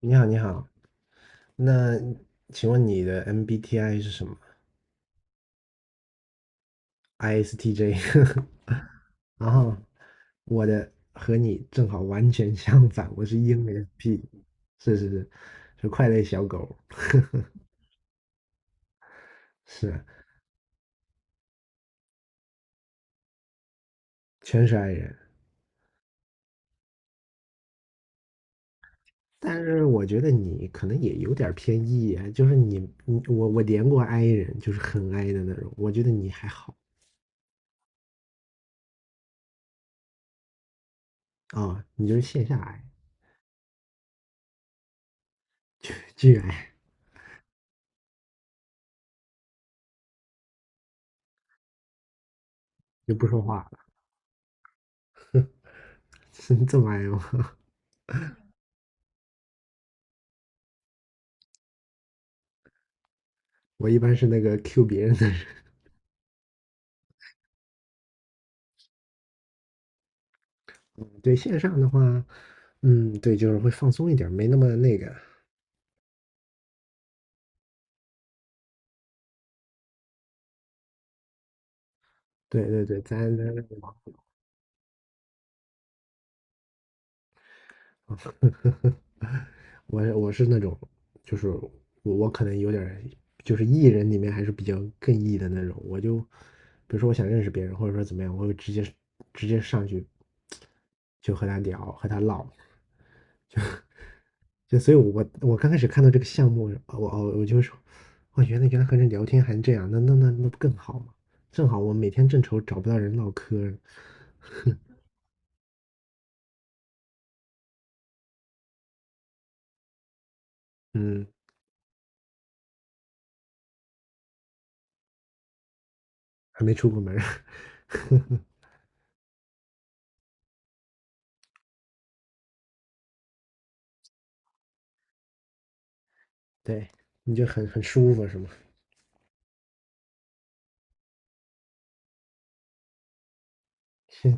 你好，你好。那请问你的 MBTI 是什么？ISTJ。然后我的和你正好完全相反，我是 ENFP，是是是，是快乐小狗，是啊全是 I 人。但是我觉得你可能也有点儿偏 E，啊就是你我连过 I 人，就是很 I 的那种。我觉得你还好啊、你就是线下 I，巨 I，就不说话了，是这么 I 吗？我一般是那个 Q 别人的人。对线上的话，嗯，对，就是会放松一点儿没那么那个。对对对，我是那种，就是我可能有点儿就是 E 人里面还是比较更 E 的那种。我就比如说我想认识别人，或者说怎么样，我会直接上去就和他聊，和他唠。就所以我，我刚开始看到这个项目，我就说，哇，原来和人聊天还这样，那不更好吗？正好我每天正愁找不到人唠嗑儿嗯，还没出过门 对，你就很舒服是吗？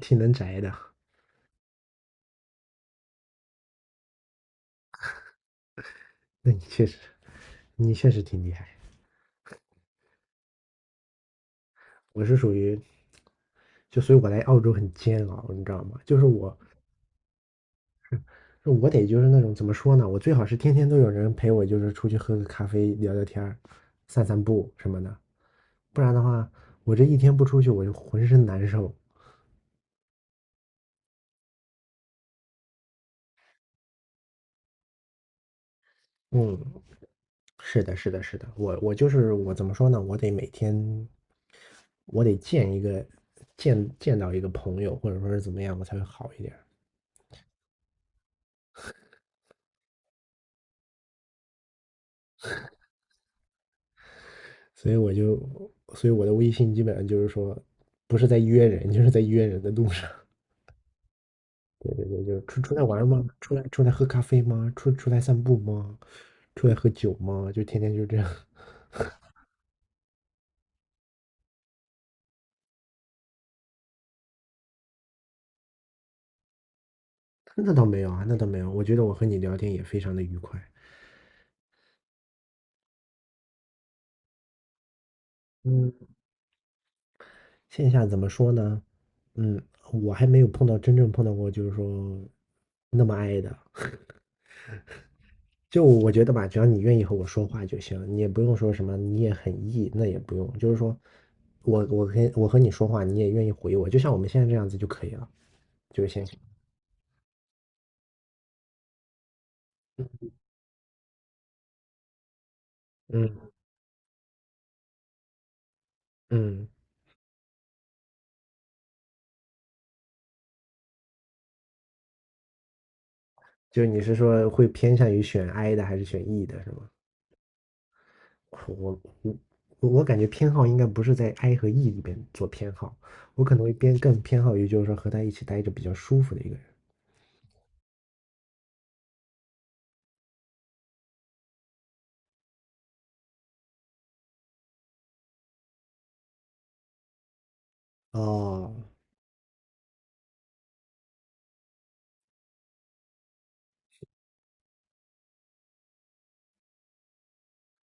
挺能宅的，那你确实，你确实挺厉害。我是属于，就所以我来澳洲很煎熬，你知道吗？就是我，我得就是那种怎么说呢？我最好是天天都有人陪我，就是出去喝个咖啡、聊聊天儿、散散步什么的，不然的话，我这一天不出去，我就浑身难受。嗯，是的，是的，是的，我就是我怎么说呢？我得每天，我得见一个见到一个朋友，或者说是怎么样，我才会好一点儿所以我就，所以我的微信基本上就是说，不是在约人，就是在约人的路上。对对对，就是出来玩吗？出来喝咖啡吗？出来散步吗？出来喝酒吗？就天天就这样。那倒没有啊，那倒没有。我觉得我和你聊天也非常的愉快。嗯。线下怎么说呢？嗯，我还没有碰到真正碰到过，就是说那么爱的。就我觉得吧，只要你愿意和我说话就行，你也不用说什么，你也很 E,那也不用，就是说我和你说话，你也愿意回我，就像我们现在这样子就可以了，就是线下。嗯嗯，就是你是说会偏向于选 I 的还是选 E 的，是吗？我我我我感觉偏好应该不是在 I 和 E 里边做偏好，我可能会偏更偏好于就是说和他一起待着比较舒服的一个人。哦，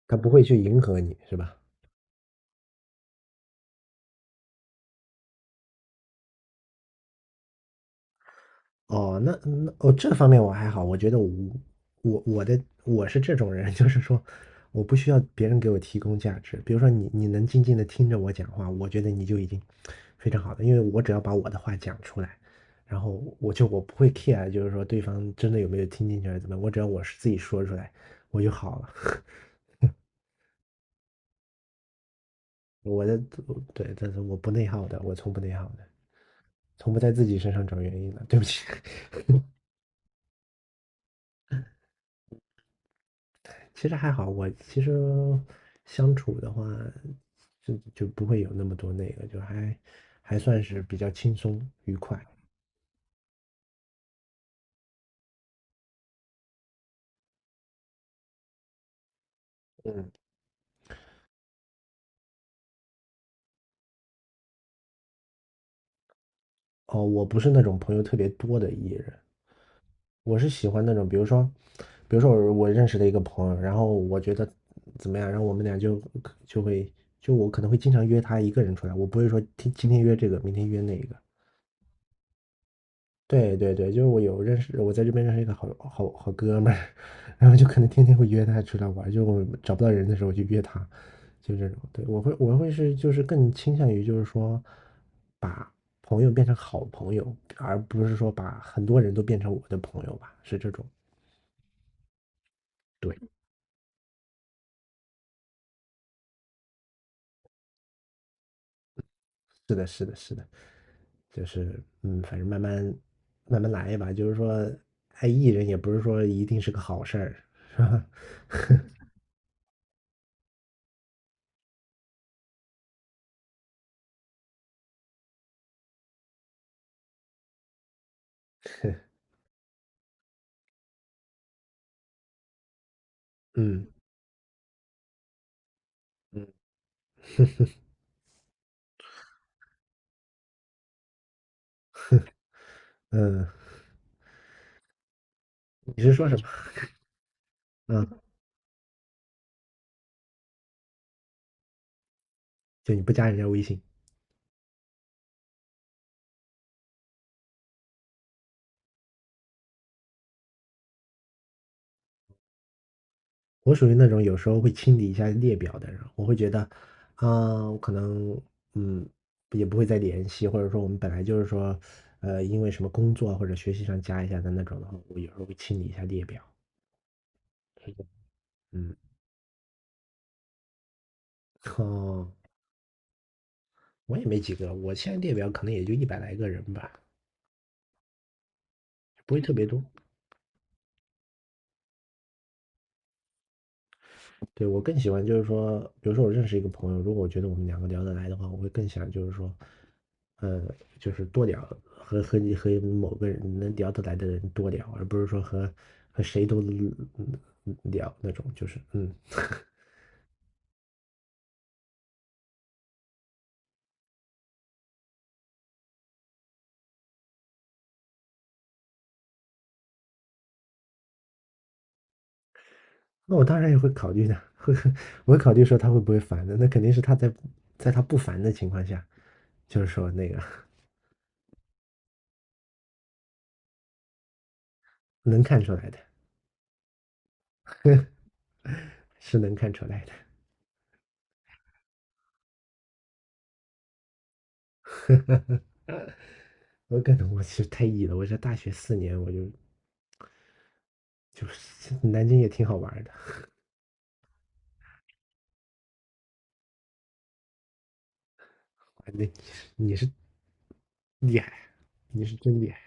他不会去迎合你，是吧？哦，哦，这方面我还好，我觉得我我的我是这种人，就是说我不需要别人给我提供价值。比如说你能静静的听着我讲话，我觉得你就已经非常好的，因为我只要把我的话讲出来，然后我就我不会 care,就是说对方真的有没有听进去还是怎么样，我只要我是自己说出来，我就好了。我的对，但是我不内耗的，我从不内耗的，从不在自己身上找原因的。对不起，其实还好，我其实相处的话，就不会有那么多那个，就还算是比较轻松愉快。嗯哦，我不是那种朋友特别多的艺人，我是喜欢那种，比如说，比如说我认识的一个朋友，然后我觉得怎么样，然后我们俩就就会就我可能会经常约他一个人出来，我不会说今天约这个，明天约那个，对对对，就是我有认识，我在这边认识一个好好好哥们儿，然后就可能天天会约他出来玩儿就我找不到人的时候就约他，就这种。对，我会是就是更倾向于就是说，把朋友变成好朋友，而不是说把很多人都变成我的朋友吧，是这种。对，是的，是的，是的，就是嗯，反正慢慢来吧，就是说爱艺人也不是说一定是个好事儿，是吧？嗯嗯，嗯，你是说什么？嗯。就你不加人家微信。我属于那种有时候会清理一下列表的人，我会觉得，啊、我可能嗯也不会再联系，或者说我们本来就是说，因为什么工作或者学习上加一下的那种的话，我有时候会清理一下列表。嗯，哦，我也没几个，我现在列表可能也就一百来个人吧，不会特别多。对，我更喜欢就是说，比如说我认识一个朋友，如果我觉得我们两个聊得来的话，我会更想就是说，呃，就是多聊，和你和某个人能聊得来的人多聊，而不是说和谁都聊那种，就是那我当然也会考虑的，我会考虑说他会不会烦的，那肯定是在他不烦的情况下，就是说那个能看出来的，是能看出来的。我可能我是太 E 了，我这大学4年我就是南京也挺好玩的。啊那你是厉害，你是真厉害，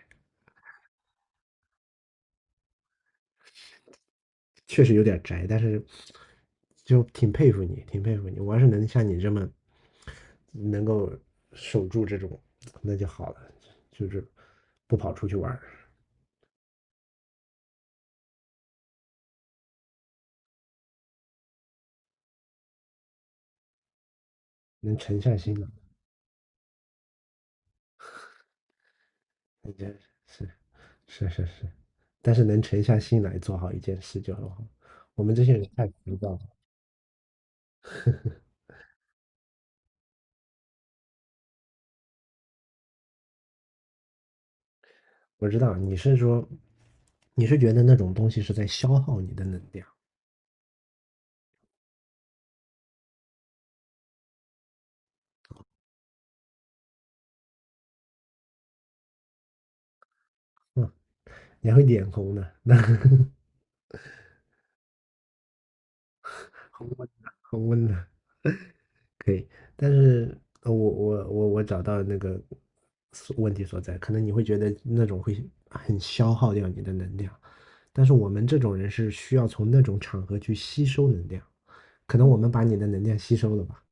确实有点宅，但是就挺佩服你，挺佩服你。我要是能像你这么能够守住这种，那就好了，就是不跑出去玩儿能沉下心来，那真是是是是，但是能沉下心来做好一件事就很好。我们这些人太浮躁了，我知道你是说你是觉得那种东西是在消耗你的能量，嗯，你还会脸红呢，那 恒温的，恒温的可以，但是我找到那个所问题所在，可能你会觉得那种会很消耗掉你的能量，但是我们这种人是需要从那种场合去吸收能量，可能我们把你的能量吸收了吧？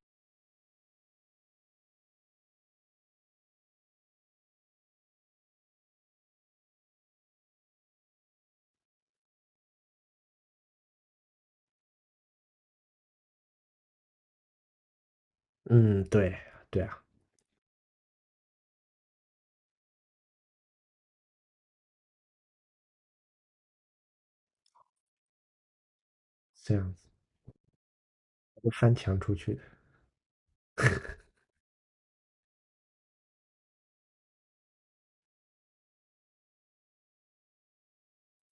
嗯，对对啊，这样子我翻墙出去的。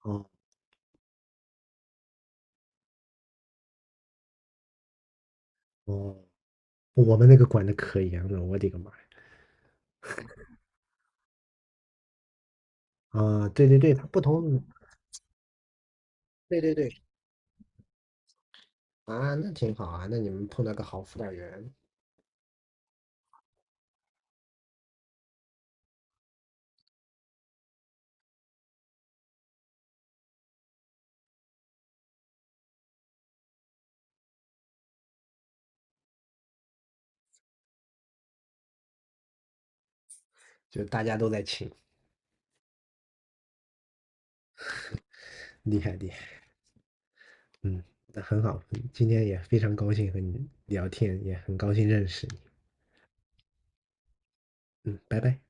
哦哦，我们那个管的可严了，我的个妈呀！啊，对对对，他不同，对对对，啊，那挺好啊，那你们碰到个好辅导员，就大家都在请。厉害厉害，嗯，那很好，今天也非常高兴和你聊天，也很高兴认识你，拜拜。